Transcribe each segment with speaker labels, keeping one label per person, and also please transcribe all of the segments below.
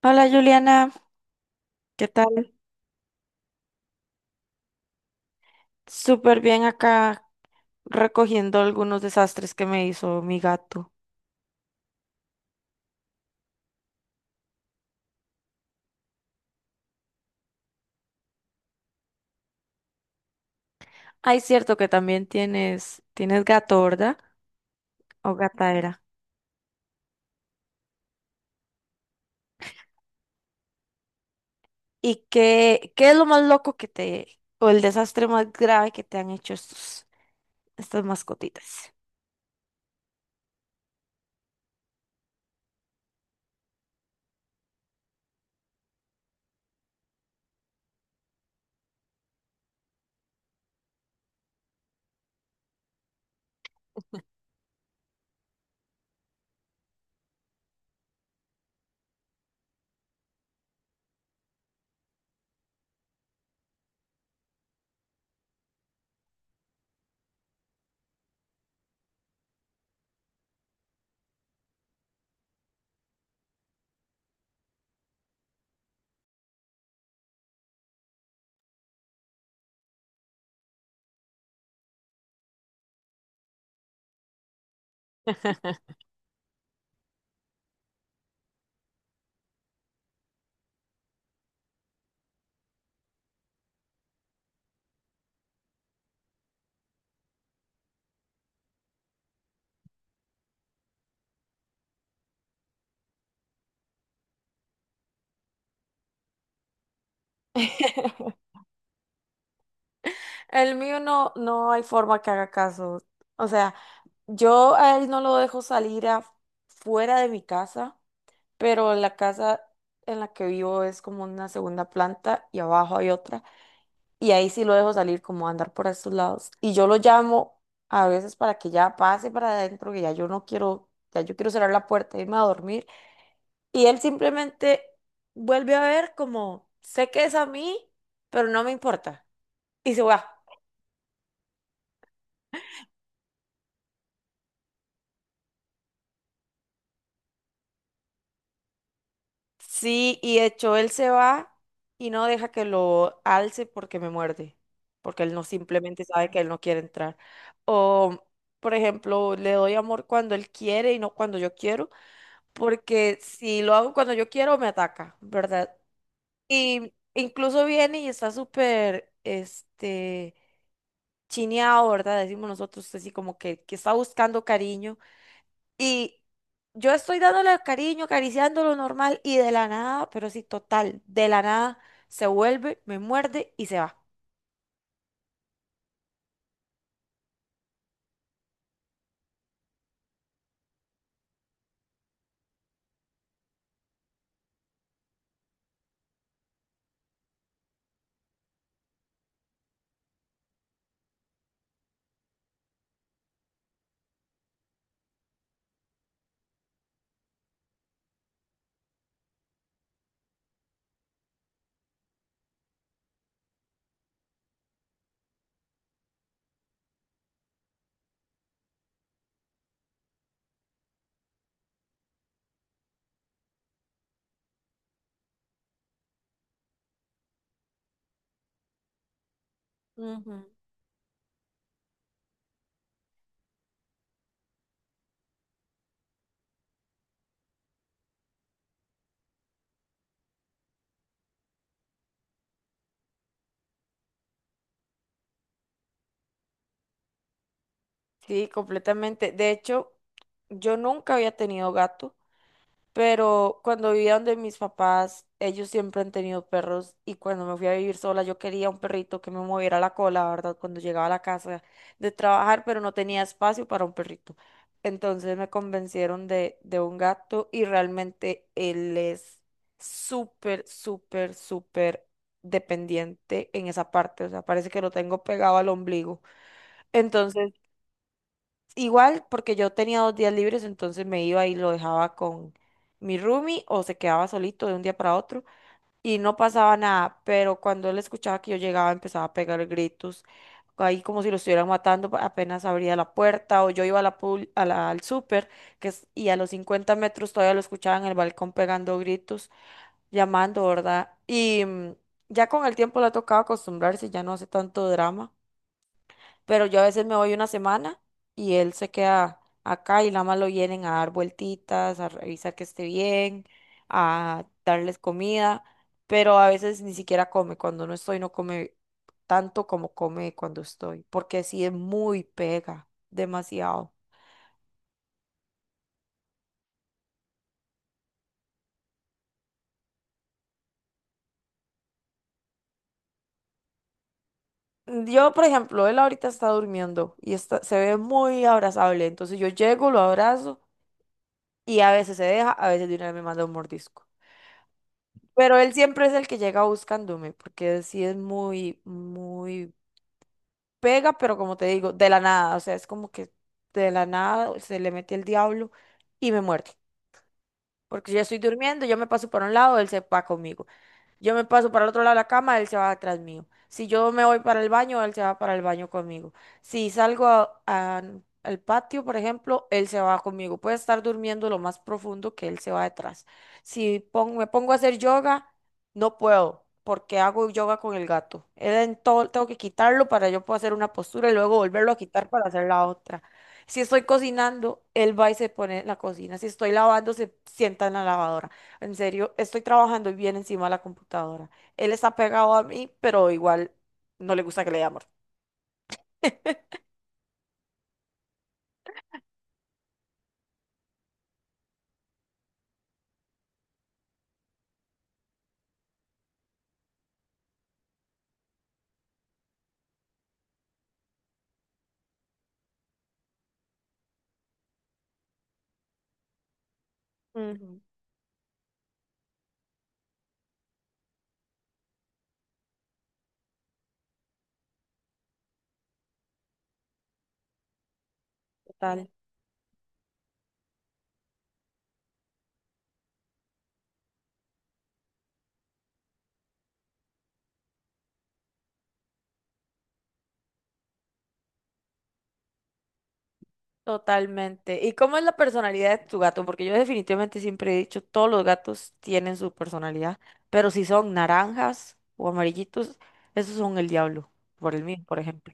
Speaker 1: Hola Juliana, ¿qué tal? Súper bien acá recogiendo algunos desastres que me hizo mi gato. Ay, cierto que también tienes gato, ¿verdad? O gata era. ¿Y qué es lo más loco que te, o el desastre más grave que te han hecho estos, estas mascotitas? El mío no hay forma que haga caso. O sea, yo a él no lo dejo salir afuera de mi casa pero la casa en la que vivo es como una segunda planta y abajo hay otra. Y ahí sí lo dejo salir como a andar por estos lados. Y yo lo llamo a veces para que ya pase para adentro, que ya yo no quiero, ya yo quiero cerrar la puerta, e irme a dormir. Y él simplemente vuelve a ver como, sé que es a mí, pero no me importa. Y se va. Sí, y de hecho él se va y no deja que lo alce porque me muerde, porque él no simplemente sabe que él no quiere entrar. O, por ejemplo, le doy amor cuando él quiere y no cuando yo quiero, porque si lo hago cuando yo quiero, me ataca, ¿verdad? Y incluso viene y está súper, chineado, ¿verdad? Decimos nosotros así como que está buscando cariño y yo estoy dándole cariño, acariciándolo normal y de la nada, pero sí, total, de la nada se vuelve, me muerde y se va. Ujú. Sí, completamente. De hecho, yo nunca había tenido gato. Pero cuando vivía donde mis papás, ellos siempre han tenido perros y cuando me fui a vivir sola yo quería un perrito que me moviera la cola, ¿verdad? Cuando llegaba a la casa de trabajar, pero no tenía espacio para un perrito. Entonces me convencieron de un gato y realmente él es súper dependiente en esa parte. O sea, parece que lo tengo pegado al ombligo. Entonces... Igual, porque yo tenía 2 días libres, entonces me iba y lo dejaba con mi roomie o se quedaba solito de un día para otro y no pasaba nada, pero cuando él escuchaba que yo llegaba empezaba a pegar gritos, ahí como si lo estuvieran matando, apenas abría la puerta o yo iba a la, al súper y a los 50 metros todavía lo escuchaba en el balcón pegando gritos, llamando, ¿verdad? Ya con el tiempo le ha tocado acostumbrarse, ya no hace tanto drama pero yo a veces me voy una semana y él se queda acá y nada más lo vienen a dar vueltitas, a revisar que esté bien, a darles comida, pero a veces ni siquiera come, cuando no estoy no come tanto como come cuando estoy, porque sí es muy pega, demasiado. Yo, por ejemplo, él ahorita está durmiendo y está, se ve muy abrazable, entonces yo llego, lo abrazo y a veces se deja, a veces de una vez me manda un mordisco. Pero él siempre es el que llega buscándome, porque sí es muy pega, pero como te digo, de la nada, o sea, es como que de la nada se le mete el diablo y me muerde. Porque yo estoy durmiendo, yo me paso para un lado, él se va conmigo. Yo me paso para el otro lado de la cama, él se va atrás mío. Si yo me voy para el baño, él se va para el baño conmigo. Si salgo al patio, por ejemplo, él se va conmigo. Puede estar durmiendo lo más profundo que él se va detrás. Si me pongo a hacer yoga, no puedo, porque hago yoga con el gato. Él en todo, tengo que quitarlo para yo poder hacer una postura y luego volverlo a quitar para hacer la otra. Si estoy cocinando, él va y se pone en la cocina. Si estoy lavando, se sienta en la lavadora. En serio, estoy trabajando y bien encima de la computadora. Él está pegado a mí, pero igual no le gusta que le dé amor. Ujú, Total. Totalmente. ¿Y cómo es la personalidad de tu gato? Porque yo definitivamente siempre he dicho, todos los gatos tienen su personalidad, pero si son naranjas o amarillitos, esos son el diablo, por el mío, por ejemplo.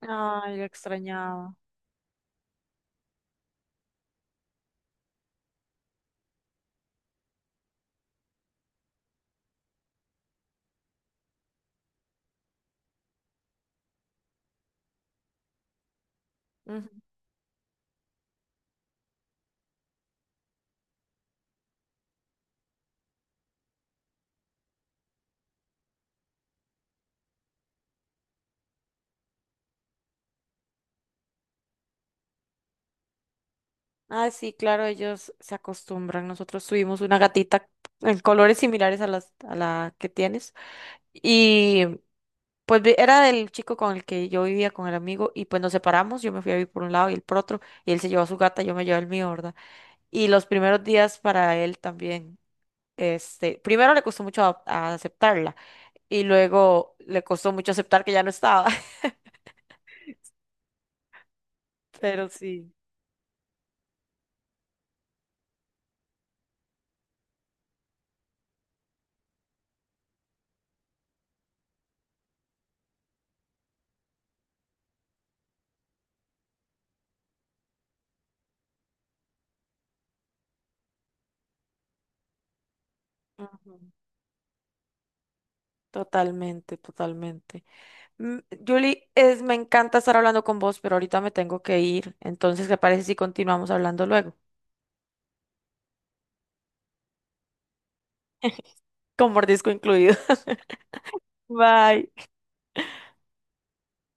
Speaker 1: Ay, lo extrañaba. Ujú. Ah, sí, claro, ellos se acostumbran. Nosotros tuvimos una gatita en colores similares a a la que tienes. Era del chico con el que yo vivía, con el amigo, y pues nos separamos, yo me fui a vivir por un lado y él por otro, y él se llevó a su gata, yo me llevé el mío, ¿verdad? Y los primeros días para él también, este, primero le costó mucho adap- a aceptarla, y luego le costó mucho aceptar que ya no estaba, pero sí. Ujú, totalmente, totalmente. Mm, Julie, es, me encanta estar hablando con vos, pero ahorita me tengo que ir, entonces, ¿qué parece si continuamos hablando luego? Con mordisco incluido. Bye.